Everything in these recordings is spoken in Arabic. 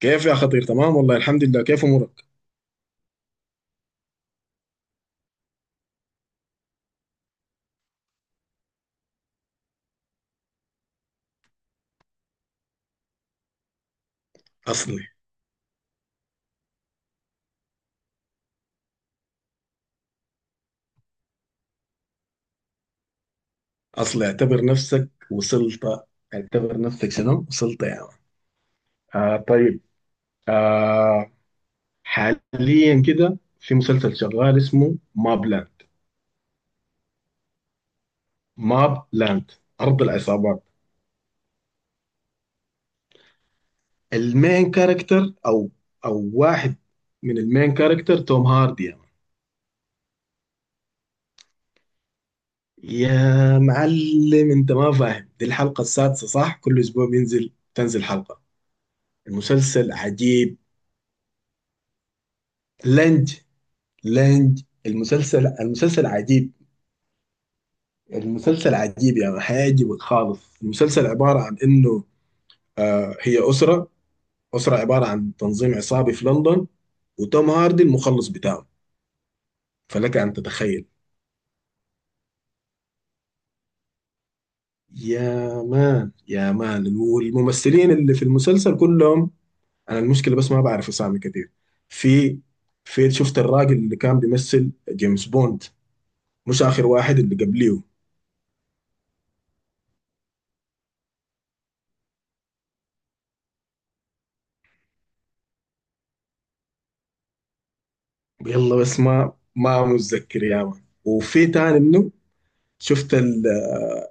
كيف يا خطير، تمام والله الحمد لله. كيف امورك؟ اصلي اصلي اعتبر نفسك وصلت. اعتبر نفسك شنو وصلت يا يعني. آه، طيب. آه، حاليا كده في مسلسل شغال اسمه ماب لاند. ماب لاند، ارض العصابات. المين كاركتر، او واحد من المين كاركتر توم هاردي يا يعني. يا معلم، انت ما فاهم؟ دي الحلقة السادسة، صح؟ كل اسبوع تنزل حلقة. المسلسل عجيب. لنج لاند. المسلسل عجيب. المسلسل عجيب، يعني هيعجبك خالص. المسلسل عبارة عن إنه هي أسرة عبارة عن تنظيم عصابي في لندن، وتوم هاردي المخلص بتاعه. فلك أن تتخيل. يا مان، يا مان، والممثلين اللي في المسلسل كلهم. أنا المشكلة بس ما بعرف أسامي كتير. في في شفت الراجل اللي كان بيمثل جيمس بوند، مش آخر واحد، اللي قبليه. يلا بس ما متذكر يا مان، وفي تاني منه. شفت ال-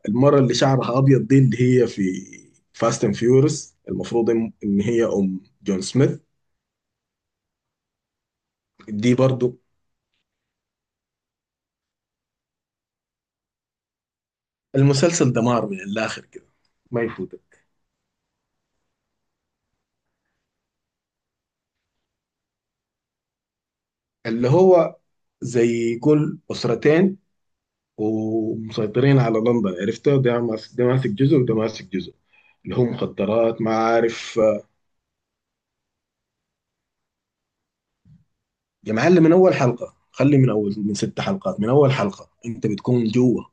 المرة اللي شعرها أبيض دي، اللي هي في فاست اند فيورس. المفروض إن هي أم جون سميث. دي برضو. المسلسل دمار من الآخر كده، ما يفوتك. اللي هو زي كل أسرتين، ومسيطرين على لندن. عرفته، ده ماسك، ده ماسك جزء وده ماسك جزء. اللي هو مخدرات ما عارف. يا معلم، من أول حلقة خلي، من أول، من ست حلقات، من أول حلقة أنت بتكون جوا.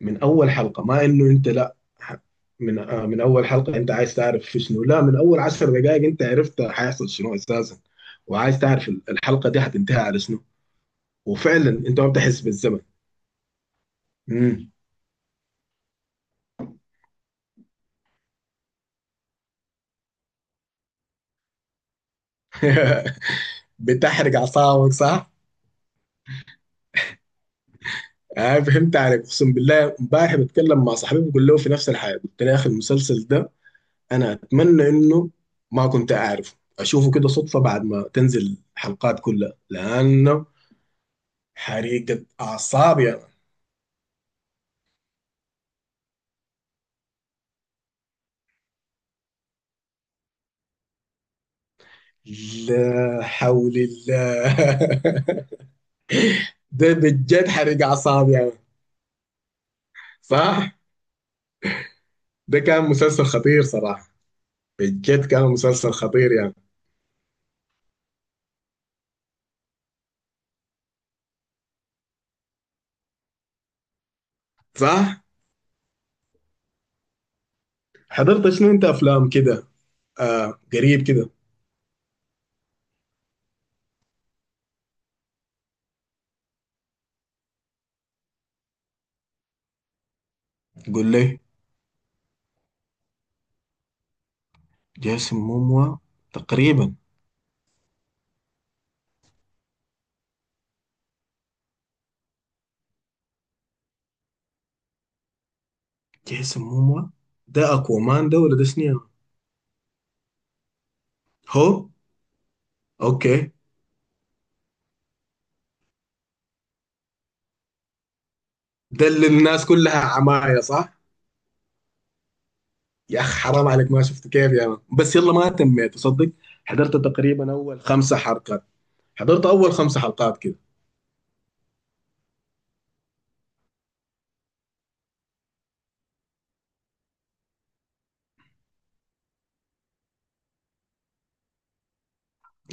من اول حلقه ما انه انت لا من اول حلقه انت عايز تعرف في شنو، لا، من اول عشر دقائق انت عرفت حيحصل شنو اساسا، وعايز تعرف الحلقه دي هتنتهي على شنو. وفعلا انت ما بتحس بالزمن. مم. بتحرق اعصابك صح؟ آه، فهمت عليك. اقسم بالله امبارح بتكلم مع صاحبي بقول له في نفس الحاجه، قلت له يا اخي، المسلسل ده انا اتمنى انه ما كنت اعرفه، اشوفه كده صدفه بعد ما تنزل الحلقات كلها، لانه حريقة أعصاب. لا حول الله. ده بجد حرق اعصاب يعني. صح. ده كان مسلسل خطير صراحه. بجد كان مسلسل خطير يعني. صح. حضرت شنو انت، افلام كده؟ آه، قريب كده. قول لي. جيسون موموا. تقريبا. جيسون موموا، ده اكوامان ده ولا ده شنو يعني؟ هو. اوكي. ده اللي الناس كلها عماية، صح؟ يا اخ حرام عليك، ما شفت كيف يا مان؟ بس يلا، ما تميت تصدق. حضرت تقريبا اول خمسة حلقات. حضرت اول خمس حلقات كده.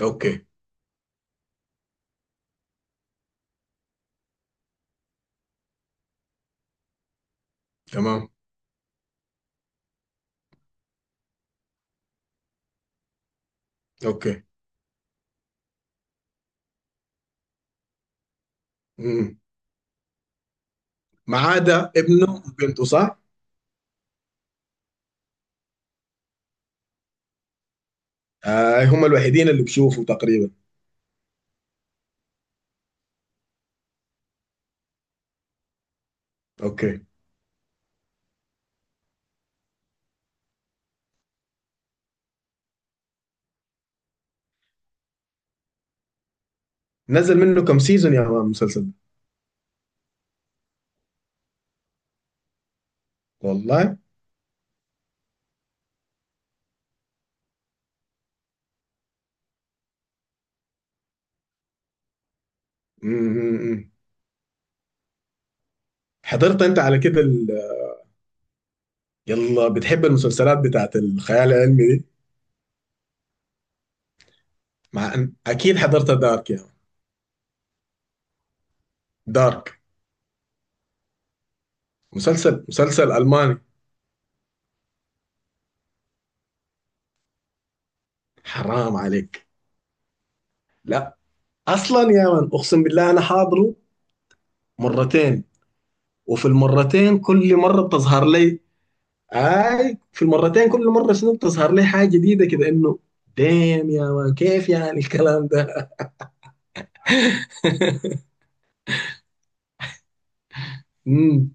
اوكي. تمام. اوكي. امم. ما عدا ابنه وبنته، صح؟ آه، هم الوحيدين اللي بشوفوا تقريبا. اوكي. نزل منه كم سيزون يا مان، المسلسل ده؟ والله. امم. حضرت انت على كده يلا بتحب المسلسلات بتاعت الخيال العلمي دي، مع ان اكيد حضرت دارك يا مان. دارك. مسلسل، مسلسل الماني. حرام عليك. لا، اصلا يا مان اقسم بالله انا حاضره مرتين، وفي المرتين كل مره بتظهر لي. اي، في المرتين كل مره شنو بتظهر لي حاجه جديده كده، انه دام يا مان، كيف يعني الكلام ده؟ امم.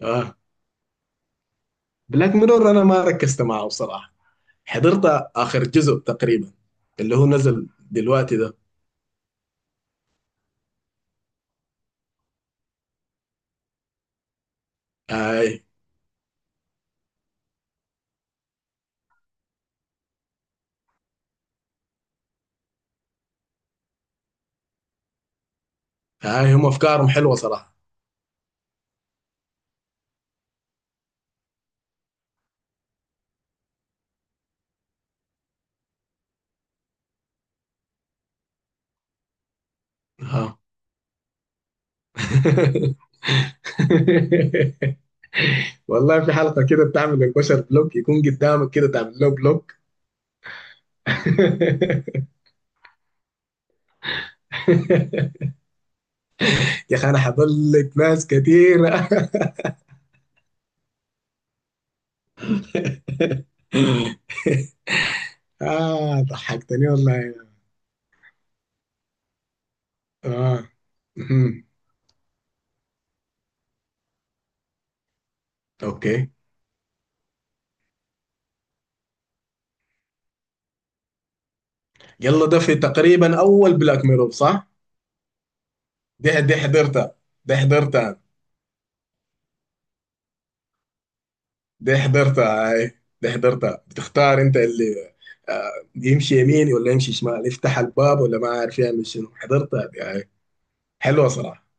اه. بلاك ميرور انا ما ركزت معه بصراحه. حضرت اخر جزء تقريبا، اللي هو نزل دلوقتي ده. اي. اي، هم افكارهم حلوه صراحه. اه. والله، في حلقه كده بتعمل البشر بلوك، يكون قدامك كده تعمل له بلوك. يا اخي انا حضلت ناس كثيره. اه، ضحكتني والله. اه. مهم. اوكي. يلا، ده في تقريبا اول بلاك ميرور، صح؟ دي حضرتها. دي حضرتها. دي حضرتها هاي. دي حضرتها، بتختار انت اللي آه، يمشي يمين ولا يمشي شمال، يفتح الباب ولا ما عارف يعمل شنو. حضرتها دي هاي. حلوة صراحة.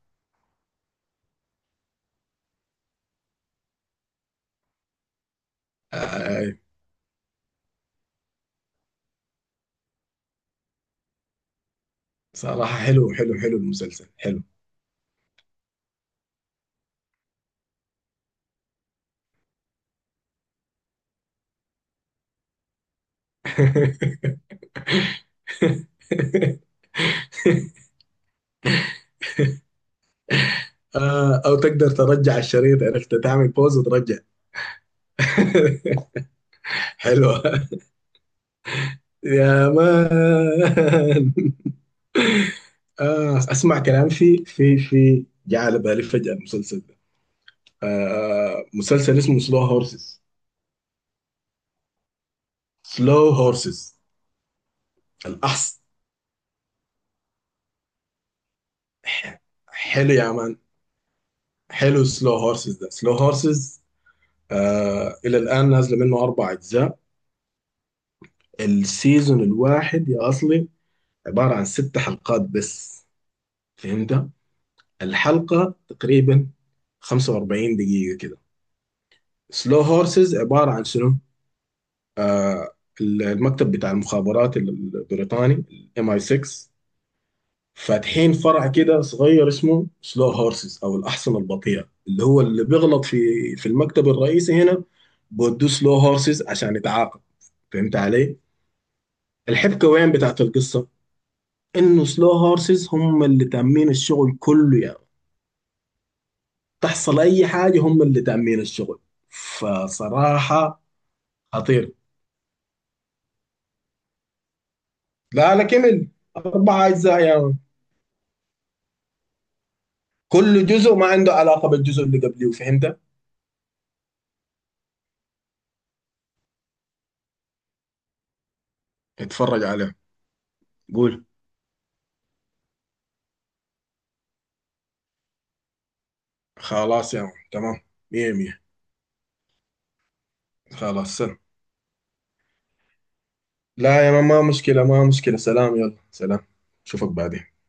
آه، هاي. صراحة حلو حلو حلو، المسلسل حلو. آه، او تقدر ترجع الشريط، عرفت تعمل بوز وترجع. حلوة يا مان. آه، اسمع كلام، في في في جاء على بالي فجأة المسلسل ده. آه، مسلسل اسمه سلو هورسز. سلو هورسز. الأحس ح- حلو يا مان. حلو. سلو هورسز، ده سلو هورسز آه، إلى الآن نازلة منه أربع أجزاء. السيزون الواحد يا أصلي عبارة عن ست حلقات بس. فهمت؟ الحلقة تقريبا 45 دقيقة كده. سلو هورسز عبارة عن شنو؟ المكتب بتاع المخابرات البريطاني، ام اي 6، فاتحين فرع كده صغير اسمه سلو هورسز او الاحصنه البطيئه، اللي هو اللي بيغلط في المكتب الرئيسي هنا بودوه سلو هورسز عشان يتعاقب. فهمت علي؟ الحبكه وين بتاعت القصه؟ انه سلو هورسز هم اللي تامين الشغل كله يعني. تحصل اي حاجه هم اللي تامين الشغل. فصراحه خطير. لا لا، كمل. اربع اجزاء يعني، كل جزء ما عنده علاقة بالجزء اللي قبليه. فهمت؟ اتفرج عليه. قول. خلاص يا عم، تمام، مية مية. خلاص سلام. لا يا، ما مشكلة، ما مشكلة، سلام، يلا سلام. اشوفك بعدين.